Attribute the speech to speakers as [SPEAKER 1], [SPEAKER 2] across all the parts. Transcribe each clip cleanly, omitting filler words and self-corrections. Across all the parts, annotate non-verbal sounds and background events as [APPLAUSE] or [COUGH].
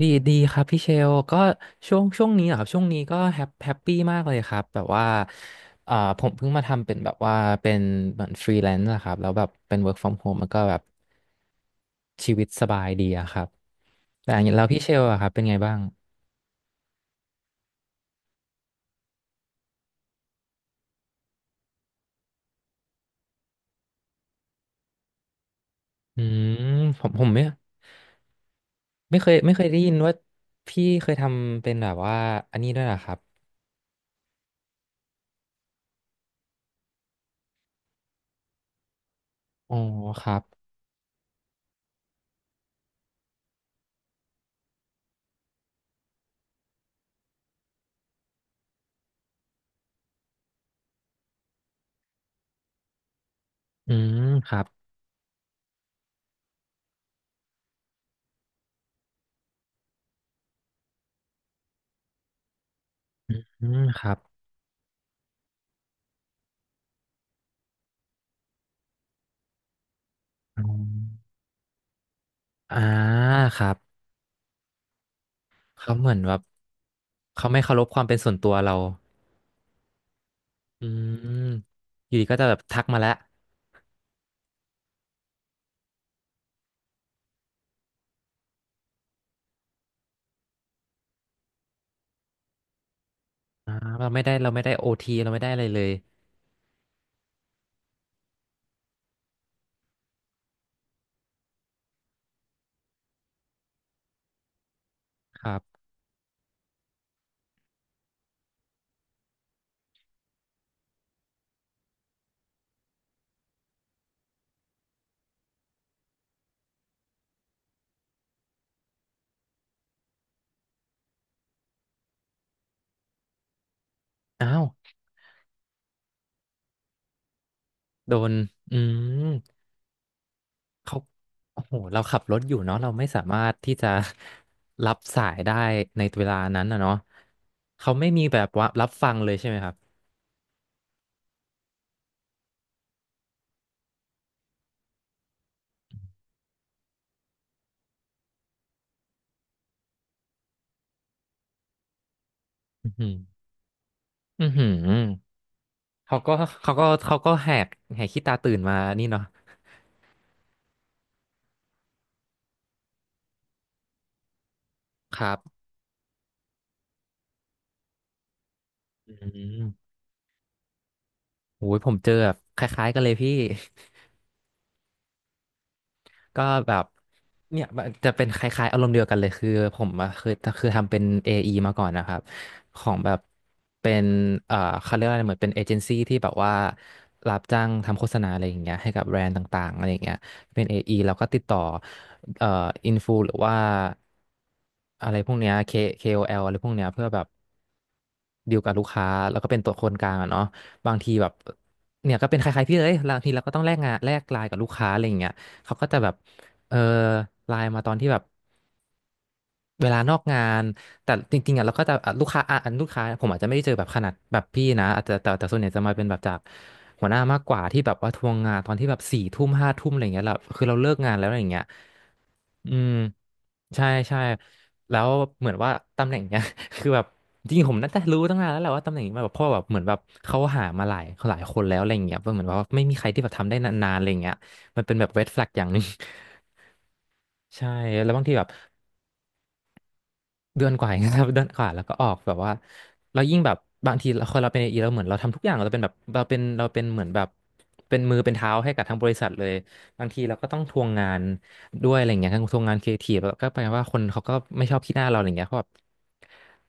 [SPEAKER 1] ดีดีครับพี่เชลก็ช่วงนี้เหครับช่วงนี้ก็แฮปปี้มากเลยครับแบบว่าเอ่อผมเพิ่งมาทำเป็นแบบว่าเป็นเหมือนฟรีแลนซ์นะครับแล้วแบบเป็น work from home มันก็แบบชีวิตสบายดีอะครับแต่อย่างนี้แล้วพี่เชลอะครับเป็นไงบ้างอืมผมไม่เคยได้ยินว่าพี่เคยทำเป็นแบบว่าอันนี้ด้วยเหรอครับอ๋อครับอืมครับอืมครับอ๋ออ่าครับ เขาเหมือนแบบเขาไม่เคารพความเป็นส่วนตัวเราอืมอยู่ดีก็จะแบบทักมาแล้วอ่าเราไม่ได้โอทีเราไม่ได้อะไรเลยครับอ้าวโดนอืมเขาโอ้โหเราขับรถอยู่เนาะเราไม่สามารถที่จะ [LAUGHS] รับสายได้ในเวลานั้นนะเนาะเขาไม่มีแบบว่ารับฟังเลยใช่ไหมครับอือหืออือหือเขาก็เขาก็แหกแหกขี้ตาตื่นมานี่เนาะครับอืมโอ้ยผมเจอแบบคล้ายๆกันเลยพี่ ก็แบบเนี่ยมันจะเป็นคล้ายๆอารมณ์เดียวกันเลยคือผมอะคือทำเป็น AE มาก่อนนะครับของแบบเป็นเขาเรียกว่าอะไรเหมือนเป็นเอเจนซี่ที่แบบว่ารับจ้างทำโฆษณาอะไรอย่างเงี้ยให้กับแบรนด์ต่างๆอะไรอย่างเงี้ยเป็น AE แล้วก็ติดต่อเอ่ออินฟูหรือว่าอะไรพวกเนี้ย KOL อแอลอะไรพวกเนี้ยเพื่อแบบ ดีลกับลูกค้าแล้วก็เป็นตัวคนกลางอะเนาะบางทีแบบเนี่ยก็เป็นคล้ายๆพี่เลยบางทีเราก็ต้องแลกงานแลกไลน์กับลูกค้าอะไรอย่างเงี้ยเขาก็จะแบบเออไลน์มาตอนที่แบบเวลานอกงานแต่จริงๆอ่ะเราก็จะอ่ะลูกค้าอ่ะอันลูกค้าผมอาจจะไม่ได้เจอแบบขนาดแบบพี่นะอาจจะแต่ส่วนใหญ่จะมาเป็นแบบจากหัวหน้ามากกว่าที่แบบว่าทวงงานตอนที่แบบสี่ทุ่มห้าทุ่มอะไรอย่างเงี้ยแหละคือเราเลิกงานแล้วอะไรอย่างเงี้ยอืม ใช่ใช่แล้วเหมือนว่าตำแหน่งเนี้ย [LAUGHS] คือแบบจริงๆผมน่าจะรู้ตั้งนานแล้วแหละว่าตำแหน่งนี้มาแบบเพราะว่อแบบเหมือนแบบเขาหามาหลายหลายคนแล้วอะไรอย่างเงี้ยเหมือนว่าไม่มีใครที่แบบทำได้นานๆอะไรอย่างเงี้ยมันเป็นแบบเ e ดแฟลกอย่างหนึ่ง [LAUGHS] ใช่แล้วบางทีแบบ เดือนกว่าเองครับ [LAUGHS] เดือนกว่าแล้วก็ออกแบบว่าเรายิ่งแบบบางทีเราคนเราเป็นเอเราเหมือนเราทำทุกอย่างเราเป็นแบบเราเป็นเหมือนแบบเป็นมือเป็นเท้าให้กับทั้งบริษัทเลยบางทีเราก็ต้องทวงงานด้วยอะไรเงี้ยทั้งทวงงานครีเอทีฟแล้วก็แปลว่าคนเขาก็ไม่ชอบขี้หน้าเราอะไรเงี้ยเพราะแบบ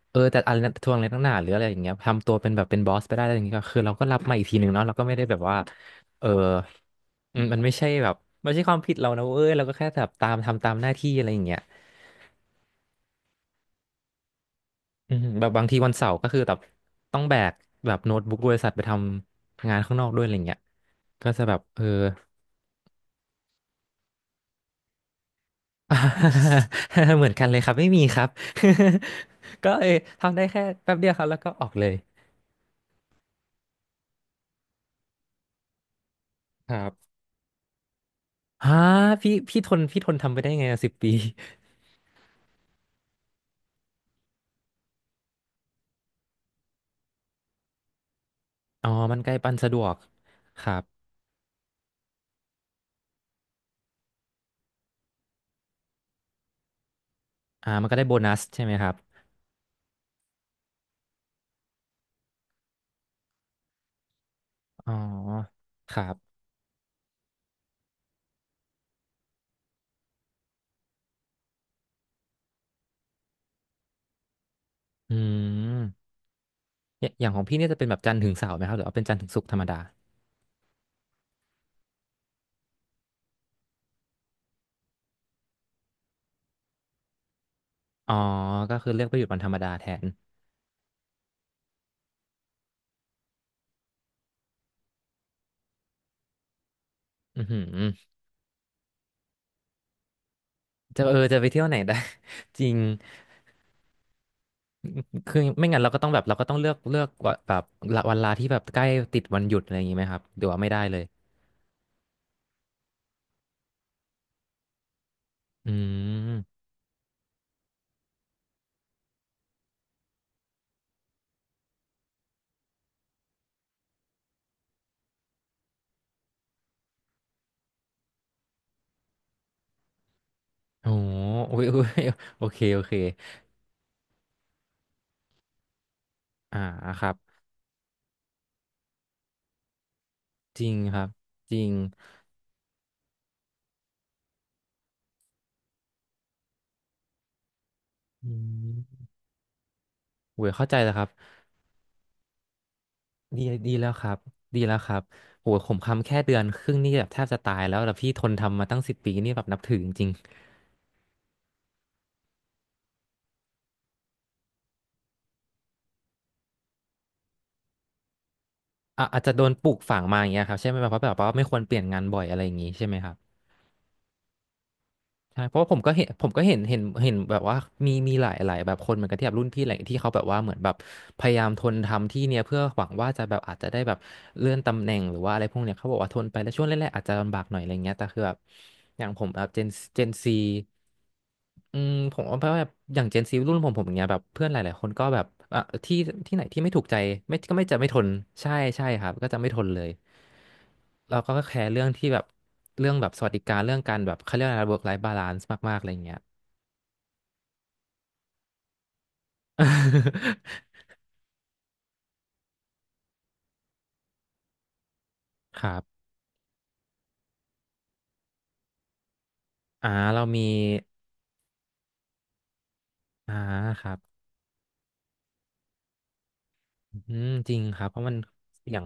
[SPEAKER 1] เออแต่อะไรนะทวงอะไรตั้งหนาหรืออะไรอย่างเงี้ยทำตัวเป็นแบบเป็นบอสไปได้อะไรอย่างเงี้ยก็คือเราก็รับมาอีกทีหนึ่งเนาะเราก็ไม่ได้แบบว่าเอออืมมันไม่ใช่แบบไม่ใช่ความผิดเรานะเว้ยเราก็แค่แบบตามทำตามหน้าที่อะไรอย่างเงี้ย อืมแบบบางทีวันเสาร์ก็คือแบบต้องแบกแบบโน้ตบุ๊กบริษัทไปทำงานข้างนอกด้วยอะไรเงี้ยก็จะแบบเออ [LAUGHS] เหมือนกันเลยครับไม่มีครับ [LAUGHS] ก็เออทำได้แค่แป๊บเดียวครับแล้วก็ออกเลยครับฮะพี่ทนทำไปได้ไงสิบปีอ๋อมันใกล้ปันสะดวกครับอ่ามันก็ได้โบนัสใช่ไหมครับอ๋อครับอืมอย่างของพี่เนี่ยจะเป็นแบบจันทร์ถึงเสาร์ไหมครับหรือว่าเป็นจันทร์ถึงศุกร์ธรรมดาอ๋อก็คือเลือกไปหยุดวันธรรมดาแทน อือหือจะเออจะไปเที่ยวไหนได้ [LAUGHS] จริงคือไม่งั้นเราก็ต้องแบบเราก็ต้องเลือกว่าแบบละวันลาที่แบบใกล้ติดวันหยุดอะไรอย่างงี้ไหมครับหรือว่าไม่ได้เลยอืมโอ้โหอุ๊ยอุ๊ย [LAUGHS] โอเคโอเคอ่าครับจริงครับจริงอืมโอ้ยเข้าใจแล้วครับดีดีแล้วครับดีแล้วครับโอ้ยผมคำแค่เดือนครึ่งนี่แบบแทบจะตายแล้วแล้วพี่ทนทำมาตั้งสิบปีนี่แบบนับถือจริงๆอ่ะอาจจะโดนปลูกฝังมาอย่างเงี้ยครับใช่ไหมแบบเพราะแบบว่าไม่ควรเปลี่ยนงานบ่อยอะไรอย่างงี้ใช่ไหมครับ ใช่เพราะว่าผมก็เห็นผมก็เห็นแบบว่ามีหลายแบบคนเหมือนกันที่แบบรุ่นพี่หลาที่เขาแบบว่าเหมือนแบบพยายามทนทำที่เนี่ยเพื่อหวังว่าจะแบบอาจจะได้แบบเลื่อนตำแหน่งหรือว่าอะไรพวกเนี้ยเขาบอกว่าทนไปแล้วช่วงแรกๆอาจจะลำบากหน่อยอะไรเงี้ยแต่คือแบบอย่างผมแบบเจนซีผมว่าแบบอย่างเจนซีรุ่นผมอย่างเงี้ยแบบเพื่อนหลายๆคนก็แบบอ่ะที่ไหนที่ไม่ถูกใจไม่จะไม่ทนใช่ใช่ครับก็จะไม่ทนเลยเราก็แคร์เรื่องที่แบบเรื่องแบบสวัสดิการเรื่องการแบบเขาเรียกอะไร work life balance มากๆอะไรเงี้ย [LAUGHS] ครับอ่าเรามีอ่าครับอืมจริงครับ เพราะมันเสี่ยง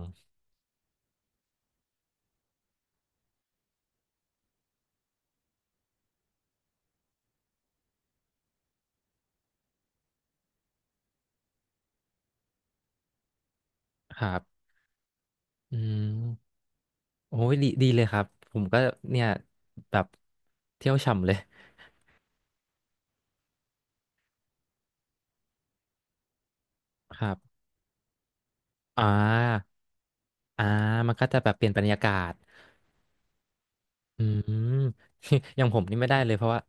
[SPEAKER 1] ครับ อืมโอ้ยดีดีเลยครับ ผมก็เนี่ยแบบเที่ยวฉ่ำเลยครับอ่าอ่ามันก็จะแบบเปลี่ยนบรรยากาศอืม [LAUGHS] อย่างผมนี่ไม่ได้เลยเพราะว่า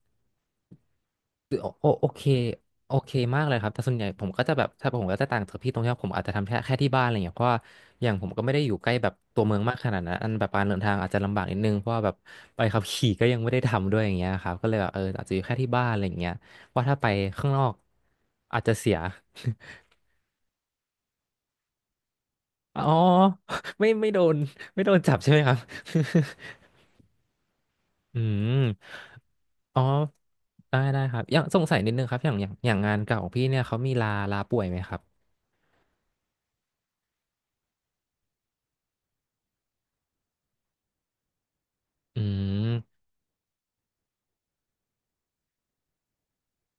[SPEAKER 1] โอเคโอเคมากเลยครับ แต่ส่วนใหญ่ผมก็จะแบบ ถ้าผมก็จะต่างจากพี่ตรงที่ว่าผมอาจจะทำแค่ที่บ้านอะไรเงี้ยเพราะว่าอย่างผมก็ไม่ได้อยู่ใกล้แบบตัวเมืองมากขนาดนั้นอันแบบการเดินทางอาจจะลำบากนิดนึงเพราะว่าแบบไปขับขี่ก็ยังไม่ได้ทำด้วยอย่างเงี้ยครับก็เลยแบบอาจจะอยู่แค่ที่บ้านอะไรเงี้ยเพราะถ้าไปข้างนอกอาจจะเสีย [LAUGHS] อ๋อไม่ไม่โดนไม่โดนจับใช่ไหมครับ [LAUGHS] อืมอ๋อได้ได้ครับอย่างสงสัยนิดนึงครับอย่างงานเก่าของพี่เนี่ยเขามีลาป่วยไหมครับ อืม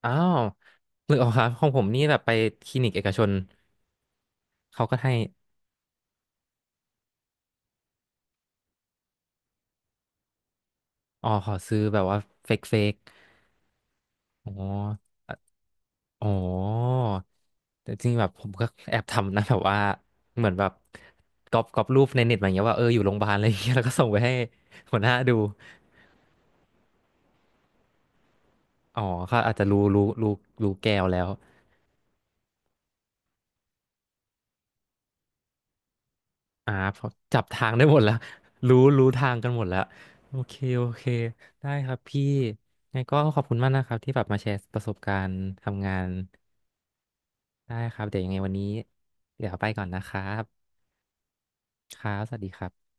[SPEAKER 1] อ้าวหรืออกครับของผมนี่แบบไปคลินิกเอกชนเขาก็ให้อ๋อขอซื้อแบบว่าเฟกอ๋อ อ๋อ แต่จริงแบบผมก็แอบทำนะแบบว่าเหมือนแบบก๊อปรูปในเน็ตมาอย่างเงี้ยว่าอยู่โรงพยาบาลอะไรอย่างเงี้ยแล้วก็ส่งไปให้หัวหน้าดูอ๋อเขาอาจจะรู้แก้วแล้ว อ่าพอจับทางได้หมดแล้ว [LAUGHS] รู้ทางกันหมดแล้ว โอเค โอเค ได้ครับพี่งั้งก็ขอบคุณมากนะครับที่แบบมาแชร์ประสบการณ์ทำงาน ได้ครับ เดี๋ยวยังไงวันนี้เดี๋ยวไปก่อนนะครับครับสวัสดีครับ